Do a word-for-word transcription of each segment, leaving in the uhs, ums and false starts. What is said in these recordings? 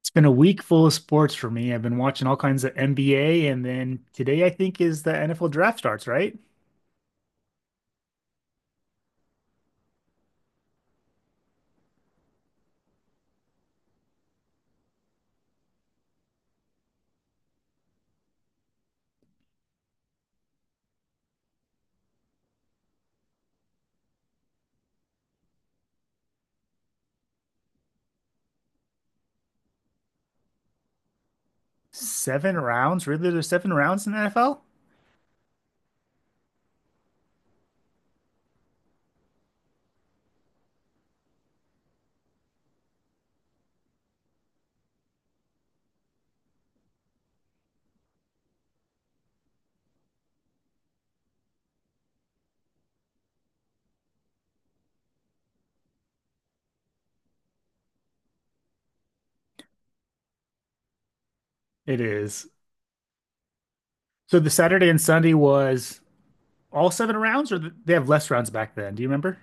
It's been a week full of sports for me. I've been watching all kinds of N B A, and then today I think is the N F L draft starts, right? Seven rounds? Really? There's seven rounds in the N F L? It is. So the Saturday and Sunday was all seven rounds, or th- they have less rounds back then? Do you remember?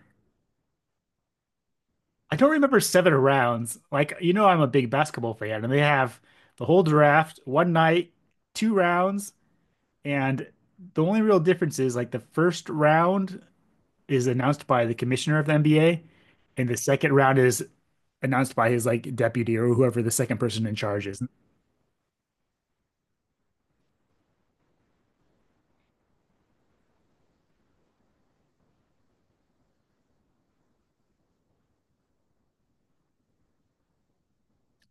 I don't remember seven rounds. Like, you know, I'm a big basketball fan, and they have the whole draft, one night, two rounds, and the only real difference is like the first round is announced by the commissioner of the N B A, and the second round is announced by his like deputy or whoever the second person in charge is.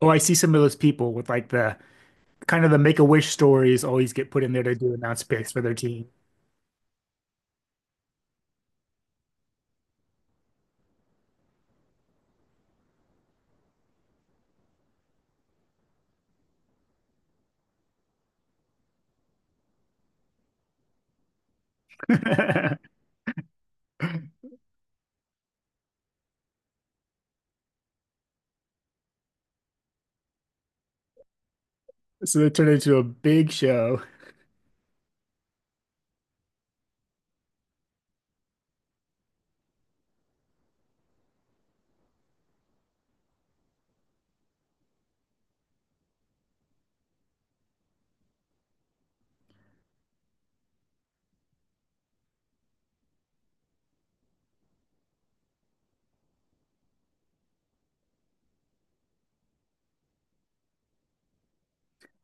Oh, I see some of those people with like the kind of the Make-A-Wish stories always get put in there to do announce picks for their team. So they turn into a big show.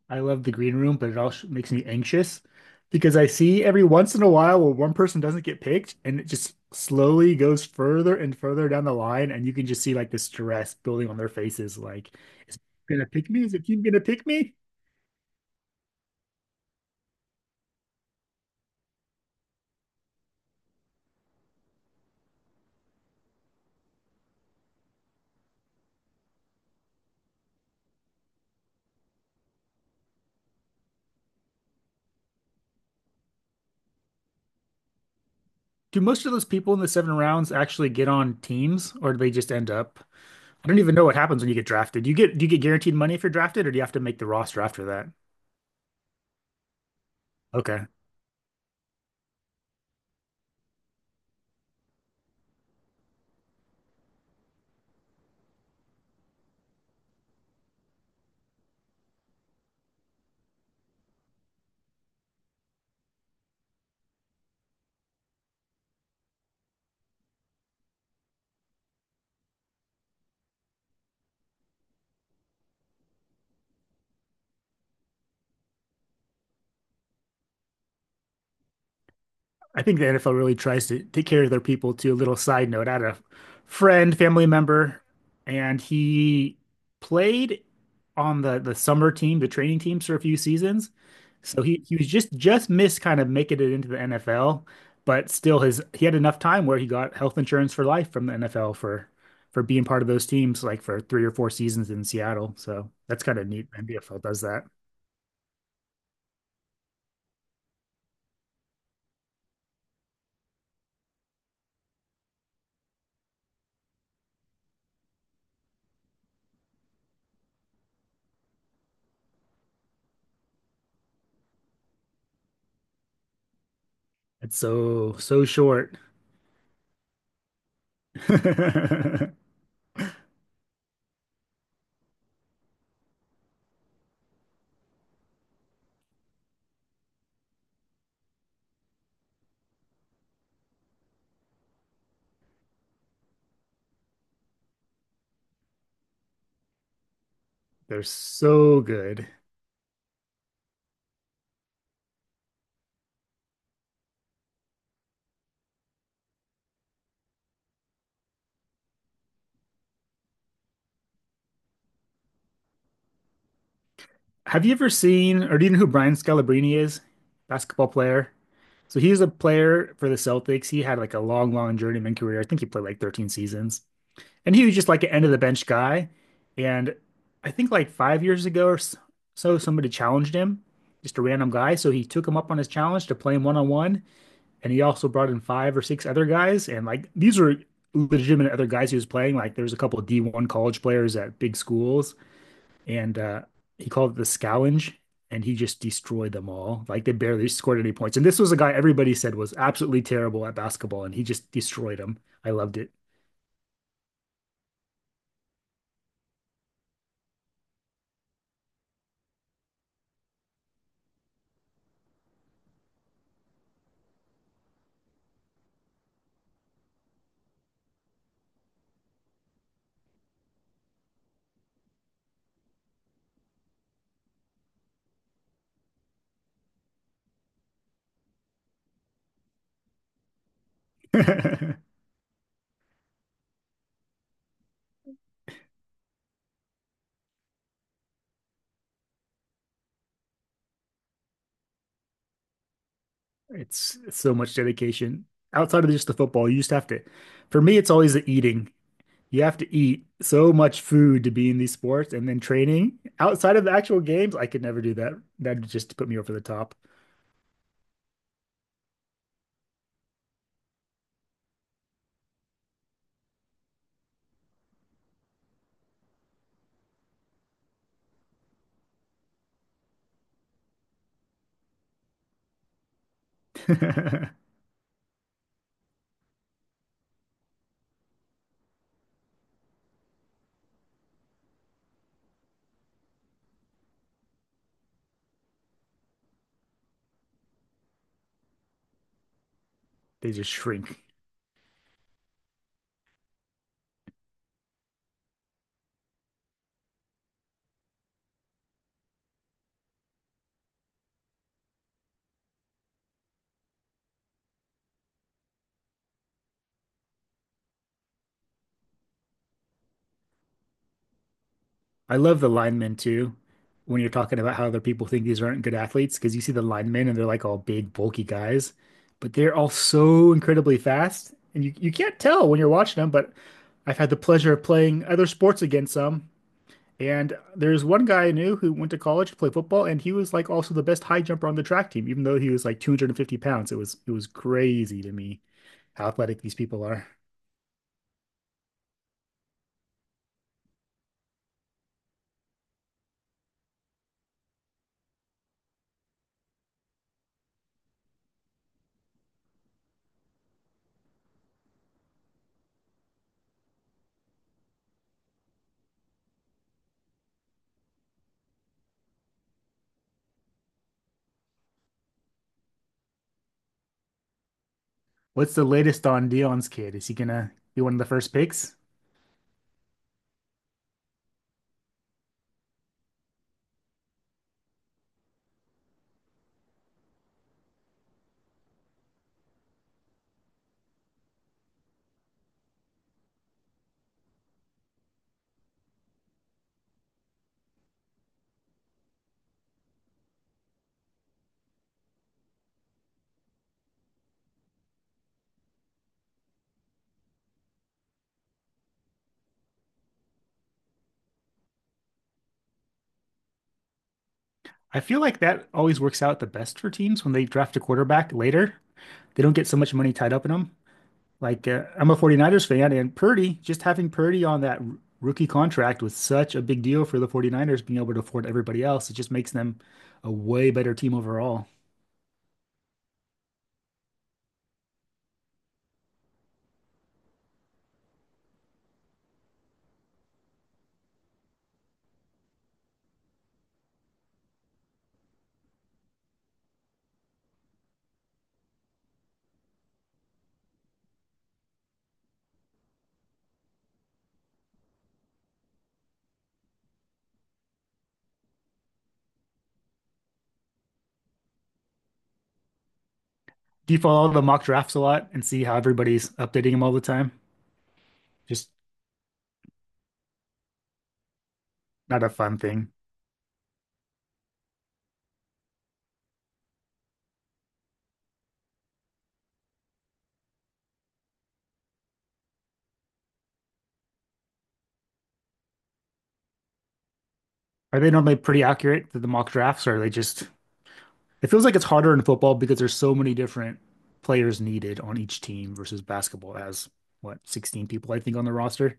I love the green room, but it also makes me anxious because I see every once in a while where one person doesn't get picked and it just slowly goes further and further down the line. And you can just see like the stress building on their faces. Like, is it gonna pick me? Is the team gonna pick me? Do most of those people in the seven rounds actually get on teams or do they just end up? I don't even know what happens when you get drafted. Do you get do you get guaranteed money if you're drafted or do you have to make the roster after that? Okay. I think the N F L really tries to take care of their people too. A little side note, I had a friend, family member, and he played on the the summer team, the training teams for a few seasons. So he he was just just missed kind of making it into the N F L, but still his he had enough time where he got health insurance for life from the N F L for for being part of those teams, like for three or four seasons in Seattle. So that's kind of neat. N F L does that. It's so so short. They're so good. Have you ever seen, or do you know who Brian Scalabrine is? Basketball player. So he's a player for the Celtics. He had like a long, long journeyman career. I think he played like thirteen seasons. And he was just like an end of the bench guy. And I think like five years ago or s- so, somebody challenged him, just a random guy. So he took him up on his challenge to play him one on one. And he also brought in five or six other guys. And like these were legitimate other guys he was playing. Like there was a couple of D one college players at big schools and uh, he called it the Scavenge, and he just destroyed them all. Like they barely scored any points. And this was a guy everybody said was absolutely terrible at basketball, and he just destroyed them. I loved it. It's, it's so much dedication. Outside of just the football, you just have to. For me, it's always the eating. You have to eat so much food to be in these sports, and then training outside of the actual games. I could never do that. That just put me over the top. They just shrink. I love the linemen too. When you're talking about how other people think these aren't good athletes, because you see the linemen and they're like all big, bulky guys, but they're all so incredibly fast, and you you can't tell when you're watching them. But I've had the pleasure of playing other sports against some, and there's one guy I knew who went to college to play football, and he was like also the best high jumper on the track team, even though he was like two hundred fifty pounds. It was it was crazy to me how athletic these people are. What's the latest on Dion's kid? Is he gonna be one of the first picks? I feel like that always works out the best for teams when they draft a quarterback later. They don't get so much money tied up in them. Like, uh, I'm a 49ers fan, and Purdy, just having Purdy on that r- rookie contract was such a big deal for the 49ers being able to afford everybody else. It just makes them a way better team overall. Do you follow the mock drafts a lot and see how everybody's updating them all the time? Just not a fun thing. Are they normally pretty accurate to the mock drafts, or are they just— it feels like it's harder in football because there's so many different players needed on each team versus basketball as what, sixteen people, I think, on the roster.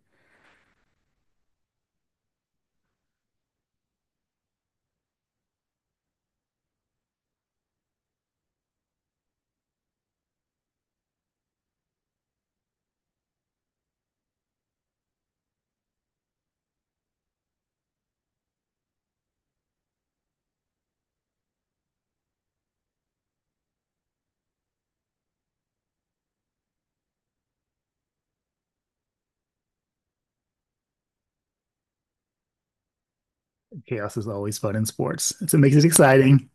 Chaos is always fun in sports. It's what makes it exciting.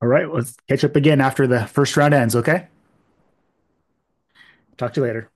All right, let's catch up again after the first round ends, okay? Talk to you later.